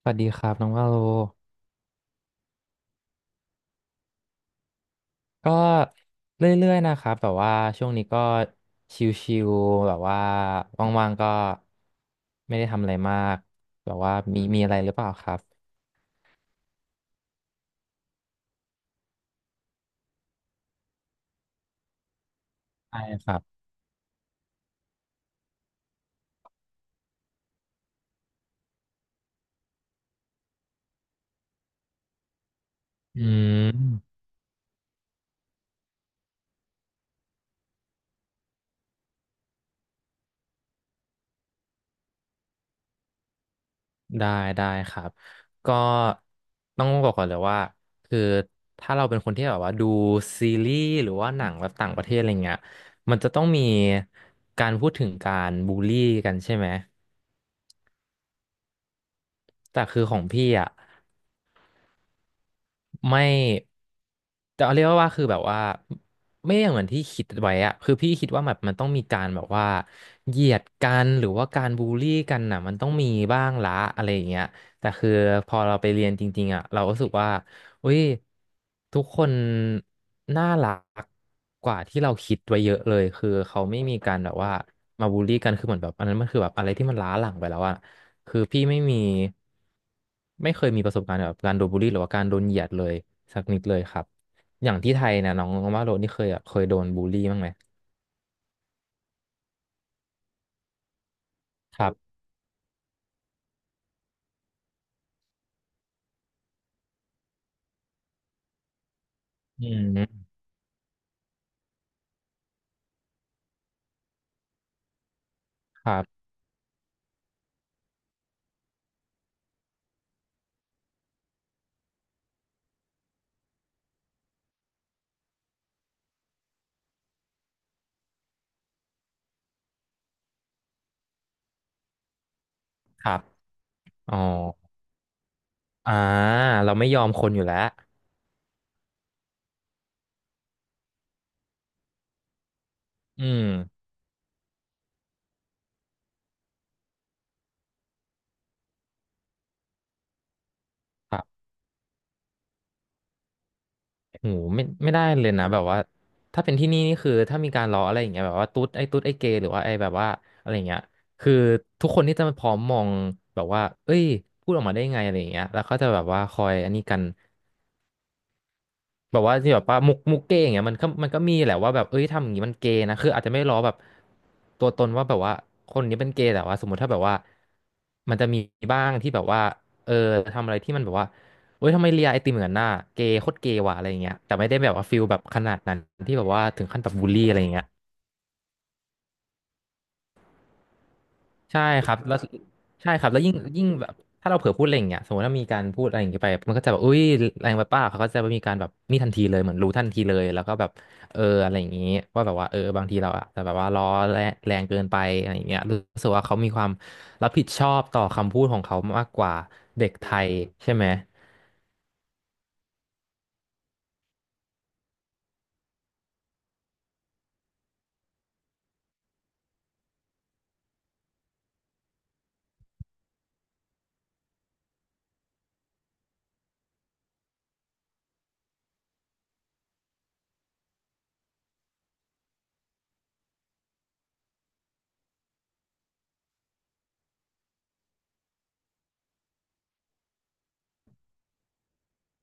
สวัสดีครับน้องว่าโลก็เรื่อยๆนะครับแบบว่าช่วงนี้ก็ชิลๆแบบว่าว่างๆก็ไม่ได้ทำอะไรมากแบบว่ามีอะไรหรือเปล่าครับใช่ครับอืมได้ได้ครับก็ต้องบอกก่อนเลยว่าคือถ้าเราเป็นคนที่แบบว่าดูซีรีส์หรือว่าหนังแบบต่างประเทศอะไรเงี้ยมันจะต้องมีการพูดถึงการบูลลี่กันใช่ไหมแต่คือของพี่อ่ะ ไม่แต่เอาเรียกว่าคือแบบว่าไม่อย่างเหมือนที่คิดไว้อะคือพี่คิดว่าแบบมันต้องมีการแบบว่าเหยียดกันหรือว่าการบูลลี่กันน่ะมันต้องมีบ้างละอะไรอย่างเงี้ยแต่คือพอเราไปเรียนจริงๆอะเราก็รู้สึกว่าอุ้ยทุกคนน่ารักกว่าที่เราคิดไว้เยอะเลยคือเขาไม่มีการแบบว่ามาบูลลี่กันคือเหมือนแบบอันนั้นมันคือแบบอะไรที่มันล้าหลังไปแล้วอะ คือพี่ไม่มีไม่เคยมีประสบการณ์แบบการโดนบูลลี่หรือว่าการโดนเหยียดเลยสักนิดเลยครับอย่างที่ไทยเนี่ยน้องน้องว่าโรนี่เคยแบบเคยโดนบูลลี่บ้างไหมครับอืมครับครับอ๋ออ่าเราไม่ยอมคนอยู่แล้วอืมครับโหไม่ไม่ได้เลยนะแบบว่าถ้าเป็นที่นี่นี่คือถ้ามีการล้ออะไรอย่างเงี้ยแบบว่าตุ๊ดไอ้ตุ๊ดไอ้เกย์หรือว่าไอ้แบบว่าอะไรอย่างเงี้ยคือทุกคนที่จะมาพร้อมมองแบบว่าเอ้ยพูดออกมาได้ไงอะไรอย่างเงี้ยแล้วเขาจะแบบว่าคอยอันนี้กัน แบบว่าที่แบบว่ามุกเก้อย่างเงี้ยมันก็มีแหละว่าแบบเอ้ยทำอย่างนี้มันเกย์นะคืออาจจะไม่ล้อแบบตัวตนว่าแบบว่าคนนี้เป็นเกย์แต่ว่าสมมติถ้าแบบว่ามันจะมีบ้างที่แบบว่าเออทำอะไรที่มันแบบว่าเอ้ยทำไมเลียไอติมเหมือนนหน้าเกย์โคตรเกย์ว่ะอะไรอย่างเงี้ยแต่ไม่ได้แบบว่าฟิลแบบขนาดนั้นที่แบบว่าถึงขั้นแบบบูลลี่อะไรอย่างเงี้ย ใช่ครับแล้วใช่ครับแล้วยิ่งแบบถ้าเราเผลอพูดอะไรอย่างเงี้ยสมมติถ้ามีการพูดอะไรอย่างเงี้ยไปมันก็จะแบบอุ้ยแรงไปป้าเขาก็จะมีการแบบนี่ทันทีเลยเหมือนรู้ทันทีเลยแล้วก็แบบเอออะไรอย่างงี้ว่าแบบว่าเออบางทีเราอะแต่แบบว่าล้อแรงแรงเกินไปอะไรอย่างเงี้ยรู้สึกว่าเขามีความรับผิดชอบต่อคำพูดของเขามากกว่าเด็กไทยใช่ไหม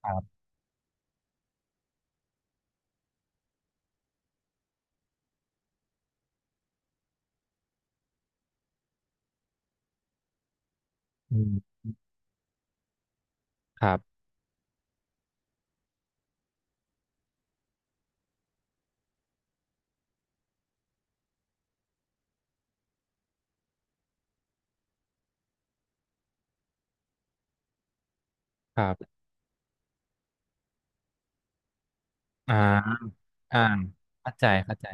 ครับอืมครับครับอ่าอ่าเข้าใจเข้าใจ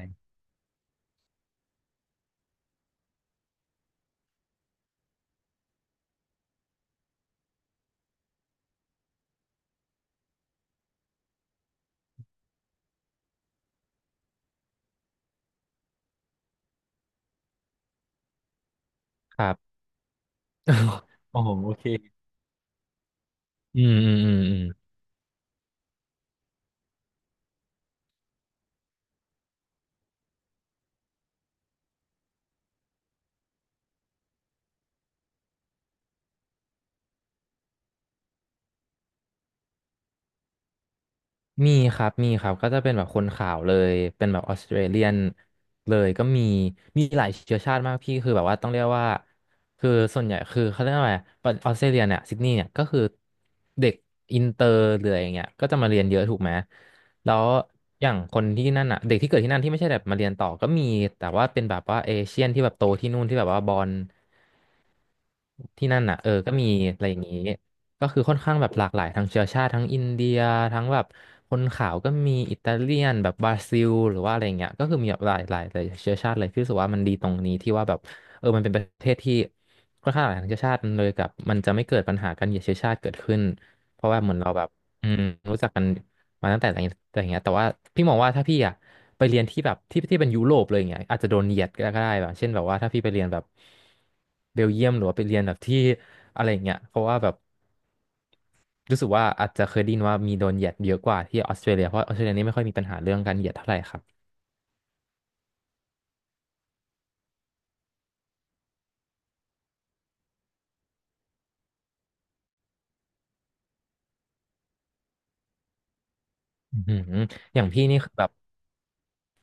ครับ โอ้โหโอเคอืมอืมอืมอืม มีครับ มีครับ ก็จะเป็นแบบคนขาวเลย เป็นแบบออสเตรเลียนเลย ก็มี มีหลายเชื้อชาติมากพี่คือแบบว่าต้องเรียกว่าคือส่วนใหญ่คือเขาเรียกว่าอะไรออสเตรเลียเนี่ยซิดนีย์เนี่ยก็คือเด็กอินเตอร์เลยอย่างเงี้ยก็จะมาเรียนเยอะถูกไหมแล้วอย่างคนที่นั่นอ่ะเด็กที่เกิดที่นั่นที่ไม่ใช่แบบมาเรียนต่อก็มีแต่ว่าเป็นแบบว่าเอเชียนที่แบบโตที่นู่นที่แบบว่าบอล ที่นั่นอ่ะเออก็มีอะไรอย่างนี้ก็คือค่อนข้างแบบหลากหลายทั้งเชื้อชาติทั้งอินเดียทั้งแบบคนขาวก็มีอิตาเลียนแบบบราซิลหรือว่าอะไรอย่างเงี้ยก็คือมีแบบหลายเชื้อชาติเลยพี่รู้สึกว่ามันดีตรงนี้ที่ว่าแบบเออมันเป็นประเทศที่ค่อนข้างหลากหลายทางเชื้อชาติเลยกับมันจะไม่เกิดปัญหาการเหยียดเชื้อชาติเกิดขึ้นเพราะว่าเหมือนเราแบบ อืมรู้จักกันมาตั้งแต่อะแต่อย่างเงี้ยแต่ว่าพี่มองว่าถ้าพี่อ่ะไปเรียนที่แบบที่เป็นยุโรปเลยอย่างเงี้ยอาจจะโดนเหยียดก็ได้แบบเช่นแบบว่าถ้าพี่ไปเรียนแบบเบลเยียมหรือว่าไปเรียนแบบที่อะไรอย่างเงี้ยเพราะว่าแบบรู้สึกว่าอาจจะเคยได้ยินว่ามีโดนเหยียดเยอะกว่าที่ออสเตรเลียเพราะออสเตรเลียนี่ไม่ค่อยมีปัญหาเรื่องการเหยียดเท่าไหร่ครับอืมอย่างพี่นี่คือแบบ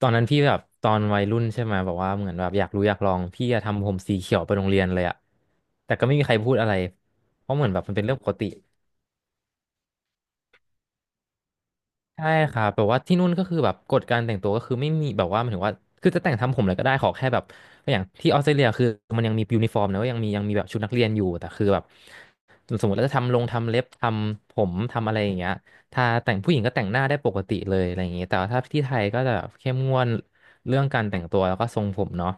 ตอนนั้นพี่แบบตอนวัยรุ่นใช่ไหมแบบว่าเหมือนแบบอยากรู้อยากลองพี่จะทำผมสีเขียวไปโรงเรียนเลยอะแต่ก็ไม่มีใครพูดอะไรเพราะเหมือนแบบมันเป็นเรื่องปกติ ใช่ครับแบบว่าที่นู่นก็คือแบบกฎการแต่งตัวก็คือไม่มีแบบว่าหมายถึงว่าคือจะแต่งทำผมอะไรก็ได้ขอแค่แบบอย่างที่ออสเตรเลียคือมันยังมียูนิฟอร์มนะว่ายังมีแบบชุดนักเรียนอยู่แต่คือแบบสมมติเราจะทำลงทำเล็บทำผมทำอะไรอย่างเงี้ยถ้าแต่งผู้หญิงก็แต่งหน้าได้ปกติเลยอะไรอย่างเงี้ยแต่ว่าถ้าที่ไทยก็จะแบบเข้มงวดเรื่องการแต่งตัวแล้วก็ทรงผมเนาะ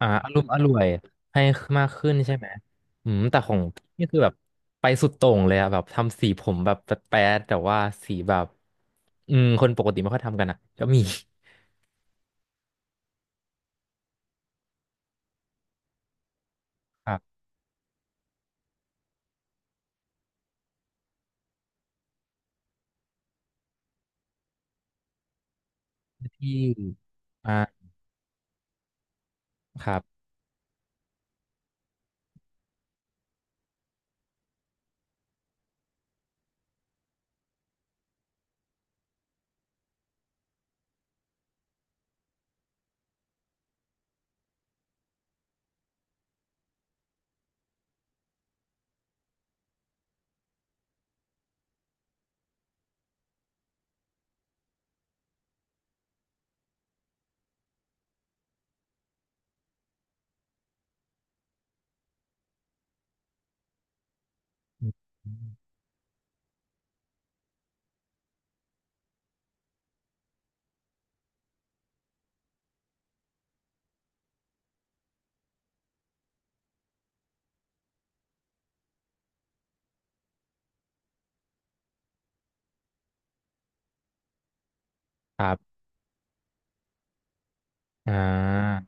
อ่าอารมณ์อร่วยให้มากขึ้นใช่ไหมอืมแต่ของนี่คือแบบไปสุดโต่งเลยอะแบบทำสีผมแบบแป๊ดๆแต่ว่าสีแบบอืมคนปกติไม่ค่อยทำกันอะก็มีครับที่อ่าครับครับอ่า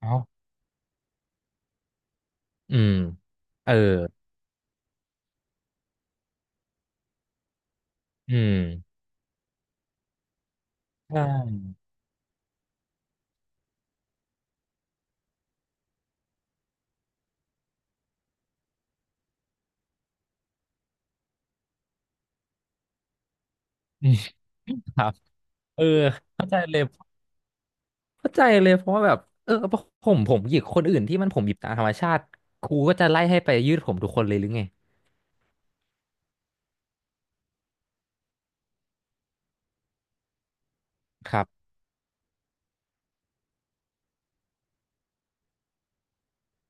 เอ้าอืมเอออืมใช่ อืมครับเออเข้าใจเลยเข้าใจเลยเพราะว่าแบบเออผมหยิกคนอื่นที่มันผมหยิบตามธรรมชาติครูก็จะไล่ให้ไปยืดผมทุกคนเลยหรือไงครับ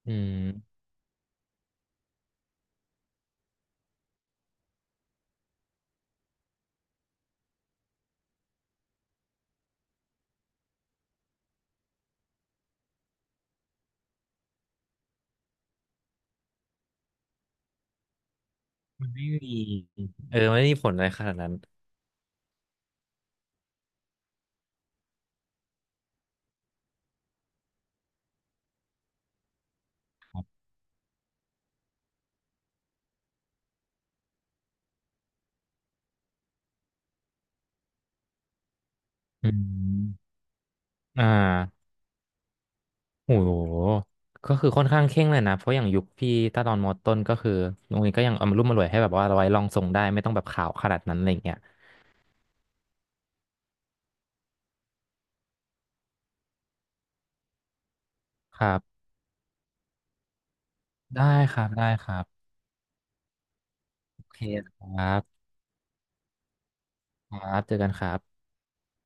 อืม มันไม่มีเออไม่ได้มีผลอะไรขนาดนั้นอืมอ่า โอ้โห ก็คือค่อนข้างเคร่งเลยนะ เพราะอย่างยุคพี่ตาตอนมอต้นก็คือโรงเรียนก็ยังเอามารุ่มมารวยให้แบบว่าเราไว้ลองส่งได้ไม่ต้องแบบข่าวขนาดนั้นอะไรอย่างเงี้ยครับได้ครับได้ครับโอเคครับครับเจอกันครับ